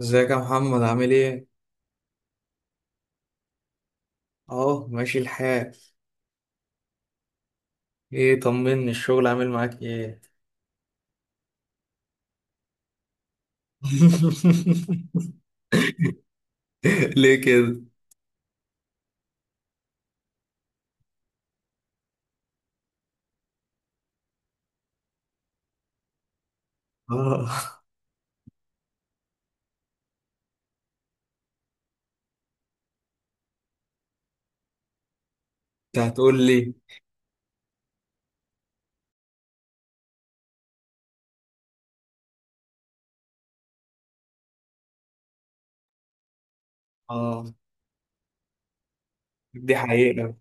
ازيك يا محمد، عامل ايه؟ اهو ماشي الحال. ايه، طمني، الشغل عامل معاك ايه؟ ليه كده؟ اه. انت هتقول لي. اه. دي حقيقة.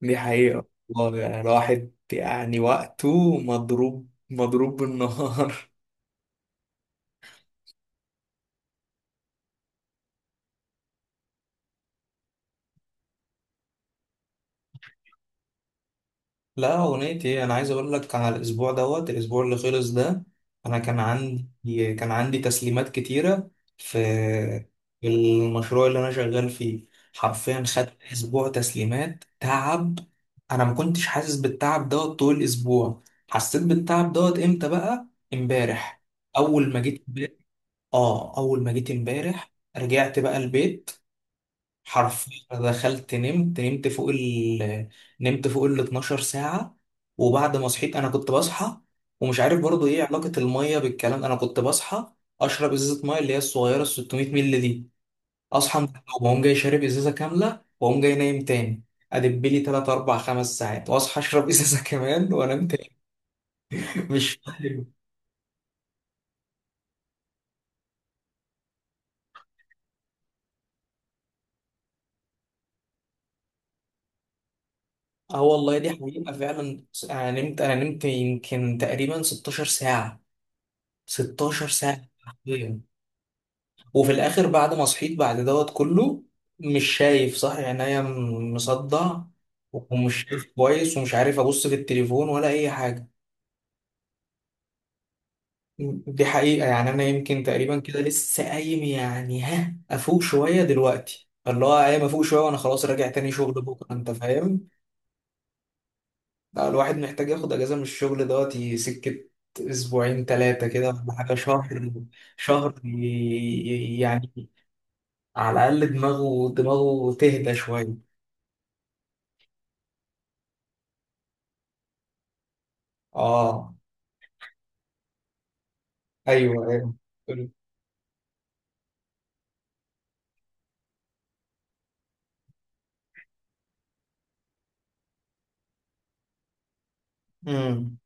دي حقيقة والله، يعني الواحد، يعني وقته مضروب مضروب بالنهار. لا، اغنيتي ايه، انا عايز اقول لك على الاسبوع دوت الاسبوع اللي خلص ده. انا كان عندي تسليمات كتيره في المشروع اللي انا شغال فيه. حرفيا خدت اسبوع تسليمات تعب. انا ما كنتش حاسس بالتعب دوت طول الاسبوع. حسيت بالتعب دوت امتى بقى؟ امبارح. اول ما جيت اه، اول ما جيت امبارح. رجعت بقى البيت. حرفيا أنا دخلت نمت فوق ال 12 ساعة. وبعد ما صحيت أنا كنت بصحى، ومش عارف برضو إيه علاقة المية بالكلام، أنا كنت بصحى أشرب إزازة مية اللي هي الصغيرة ال 600 مللي دي. أصحى من النوم، وأقوم جاي شارب إزازة كاملة، وأقوم جاي نايم تاني. أدب لي تلات أربع خمس ساعات، وأصحى أشرب إزازة كمان، وأنام تاني. مش فاهم. أه، والله دي حقيقة فعلا، أنا نمت يمكن تقريبا 16 ساعة. 16 ساعة حرفياً. وفي الاخر بعد ما صحيت بعد دوت كله، مش شايف صح، عينيا مصدع، ومش شايف كويس، ومش عارف ابص في التليفون ولا اي حاجه. دي حقيقه، يعني انا يمكن تقريبا كده لسه قايم، يعني ها افوق شويه دلوقتي، اللي هو قايم افوق شويه، وانا خلاص راجع تاني شغل بكره، انت فاهم. لا، الواحد محتاج ياخد اجازه من الشغل دوت سكه، اسبوعين ثلاثه كده، ولا حاجه شهر. شهر يعني. على الاقل دماغه تهدى شويه. اه. ايوه. ايوه. امم.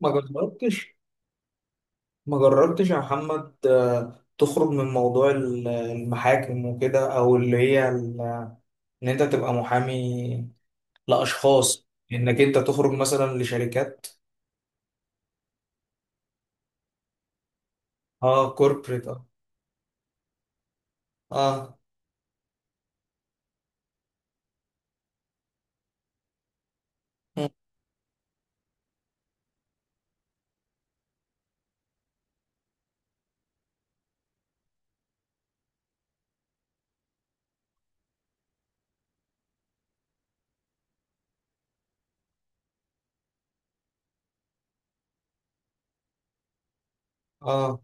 ما جربتش ما جربتش يا محمد، آه، تخرج من موضوع المحاكم وكده، او اللي هي ان انت تبقى محامي لاشخاص، انك انت تخرج مثلا لشركات. اه، كوربريت، اه. اه. مم. اه.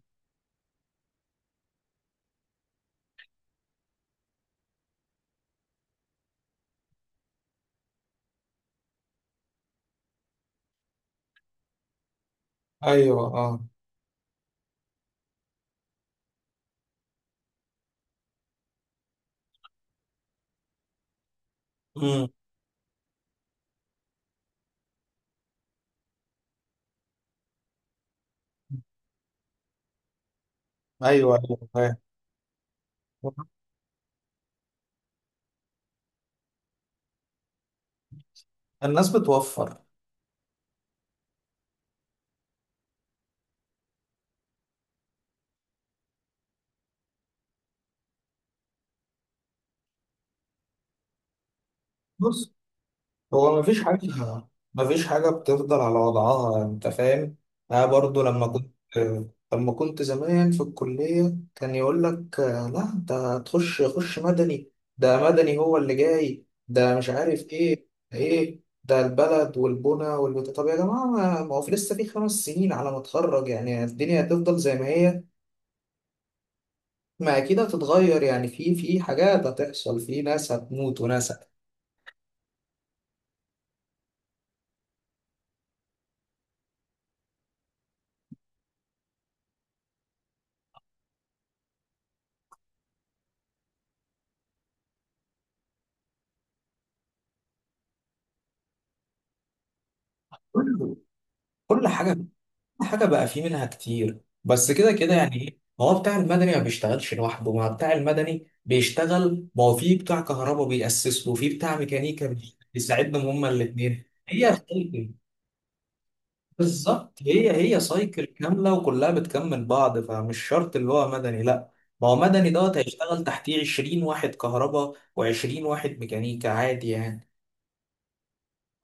ايوه. اه. امم. ايوه، ايوه، فاهم. الناس بتوفر. بص، هو مفيش حاجة. مفيش حاجة بتفضل على وضعها، أنت فاهم؟ أنا برضو لما كنت زمان في الكلية كان يقول لك لا، أنت هتخش مدني. ده مدني هو اللي جاي ده، مش عارف إيه، إيه ده البلد والبنى والبتاع؟ طب يا جماعة، ما هو في لسه في 5 سنين على ما أتخرج، يعني الدنيا هتفضل زي ما هي؟ ما أكيد هتتغير، يعني في حاجات هتحصل، في ناس هتموت وناس كل كل حاجة بقى فيه منها كتير، بس كده كده يعني، ايه، ما هو بتاع المدني ما بيشتغلش لوحده، ما بتاع المدني بيشتغل، ما هو فيه بتاع كهرباء بيأسس له وفيه بتاع ميكانيكا بيساعدهم هما الاتنين. هي سايكل. بالظبط، هي سايكل كاملة وكلها بتكمل بعض، فمش شرط اللي هو مدني لا. ما هو مدني دوت هيشتغل تحتيه 20 واحد كهرباء و20 واحد ميكانيكا عادي يعني.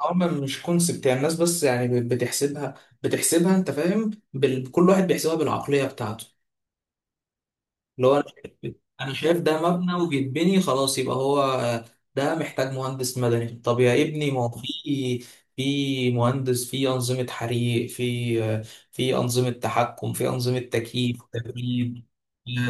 هما مش كونسبت يعني، الناس بس يعني بتحسبها. بتحسبها انت فاهم، كل واحد بيحسبها بالعقلية بتاعته. اللي هو انا شايف أنا شايف ده مبنى وبيتبني خلاص يبقى هو ده محتاج مهندس مدني. طب يا ابني، ما هو في مهندس في انظمه حريق، في انظمه تحكم، في انظمه تكييف وتبريد،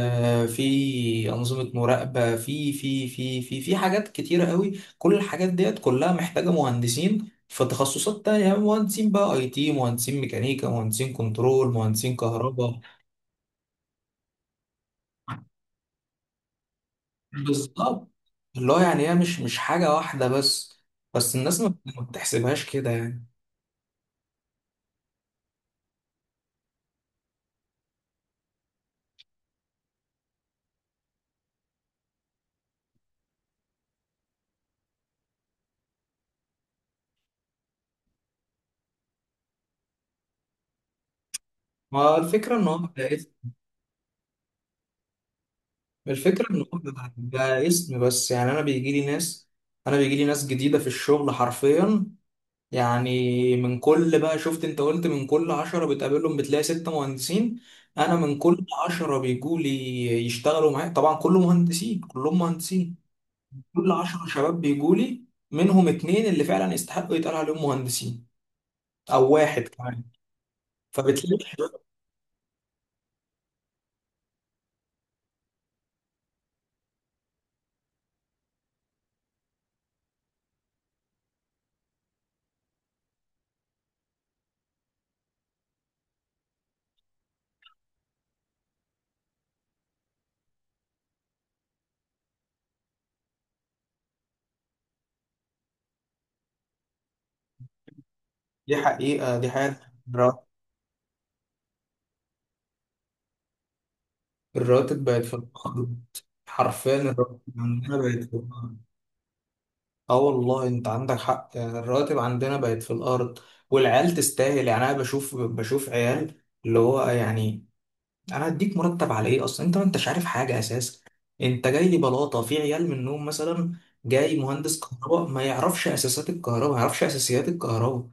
آه، في انظمه مراقبه، في حاجات كتيره قوي. كل الحاجات ديت كلها محتاجه مهندسين في تخصصات تانية، مهندسين بقى اي تي، مهندسين ميكانيكا، مهندسين كنترول، مهندسين كهرباء. بالظبط. اللي هو يعني هي مش حاجة واحدة بس. بس الناس ما بتحسبهاش كده يعني. ما الفكرة ان هو بقى اسم. الفكرة ان هو بقى اسم بس يعني، انا بيجي لي ناس جديدة في الشغل حرفيا. يعني من كل بقى، شفت انت قلت من كل عشرة بتقابلهم بتلاقي ستة مهندسين. انا من كل عشرة بيجوا لي يشتغلوا معايا، طبعا كله مهندسين، كلهم مهندسين. كل عشرة شباب بيجوا لي، منهم اتنين اللي فعلا يستحقوا يتقال عليهم مهندسين، او واحد كمان. فبتلاقي. دي حقيقه، دي حقيقه. الرا- الراتب بقت في الأرض. حرفيا الراتب عندنا بقت في الأرض. اه، والله انت عندك حق، يعني الراتب عندنا بقت في الارض. والعيال تستاهل، يعني انا بشوف عيال اللي هو يعني، انا هديك مرتب على ايه اصلا؟ انت ما انتش عارف حاجه اساسا. انت جاي لي بلاطه في عيال منهم مثلا، جاي مهندس كهرباء ما يعرفش اساسيات الكهرباء.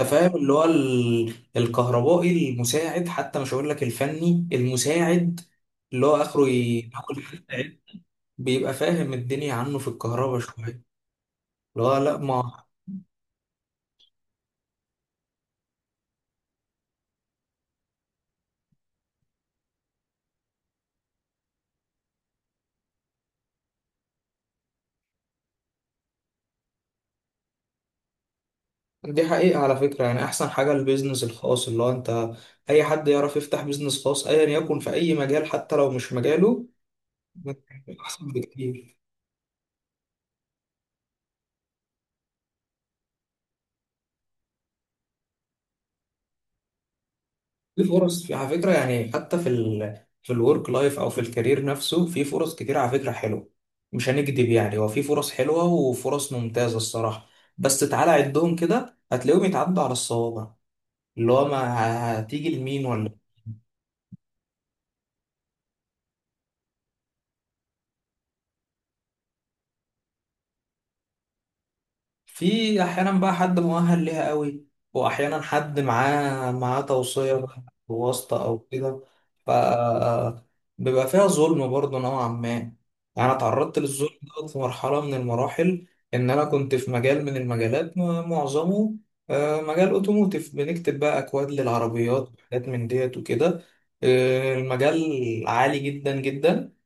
انت فاهم، اللي هو الكهربائي المساعد، حتى مش هقول لك الفني المساعد، اللي هو اخره ياكل حتة عيش. بيبقى فاهم الدنيا عنه في الكهرباء شويه. اللي هو لا ما. دي حقيقه على فكره، يعني احسن حاجه البيزنس الخاص، اللي هو انت، اي حد يعرف يفتح بيزنس خاص ايا يكن في اي مجال، حتى لو مش مجاله، احسن بكتير. في فرص، في على فكرة يعني، حتى في في الورك لايف أو في الكارير نفسه، في فرص كتير على فكرة حلوة. مش هنكدب يعني، هو في فرص حلوة وفرص ممتازة الصراحة. بس تعالى عدهم كده، هتلاقيهم يتعدوا على الصوابع. اللي هو ما هتيجي لمين ولا؟ في احيانا بقى حد مؤهل ليها قوي، واحيانا حد معاه توصيه بقى، أو واسطه او كده، ف بيبقى فيها ظلم برضه نوعا ما يعني. انا اتعرضت للظلم ده في مرحله من المراحل، ان انا كنت في مجال من المجالات معظمه، آه، مجال اوتوموتيف، بنكتب بقى اكواد للعربيات وحاجات من ديت وكده. آه، المجال عالي جدا جدا.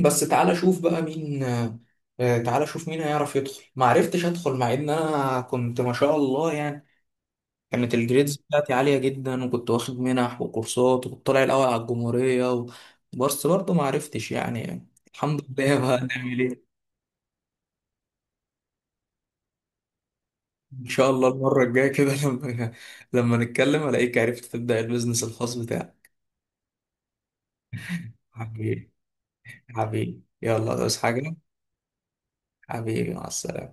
بس تعالى شوف بقى مين، آه، آه، تعالى شوف مين هيعرف يدخل. ما عرفتش ادخل، مع ان انا كنت ما شاء الله يعني، كانت الجريدز بتاعتي عالية جدا، وكنت واخد منح وكورسات، وكنت طالع الاول على الجمهورية و... بس برضه ما عرفتش يعني. الحمد لله، بقى نعمل ايه؟ ان شاء الله المرة الجاية كده، لما نتكلم الاقيك عرفت تبدأ البيزنس الخاص بتاعك. حبيبي. حبيبي يلا بس حاجة. حبيبي، مع السلامة.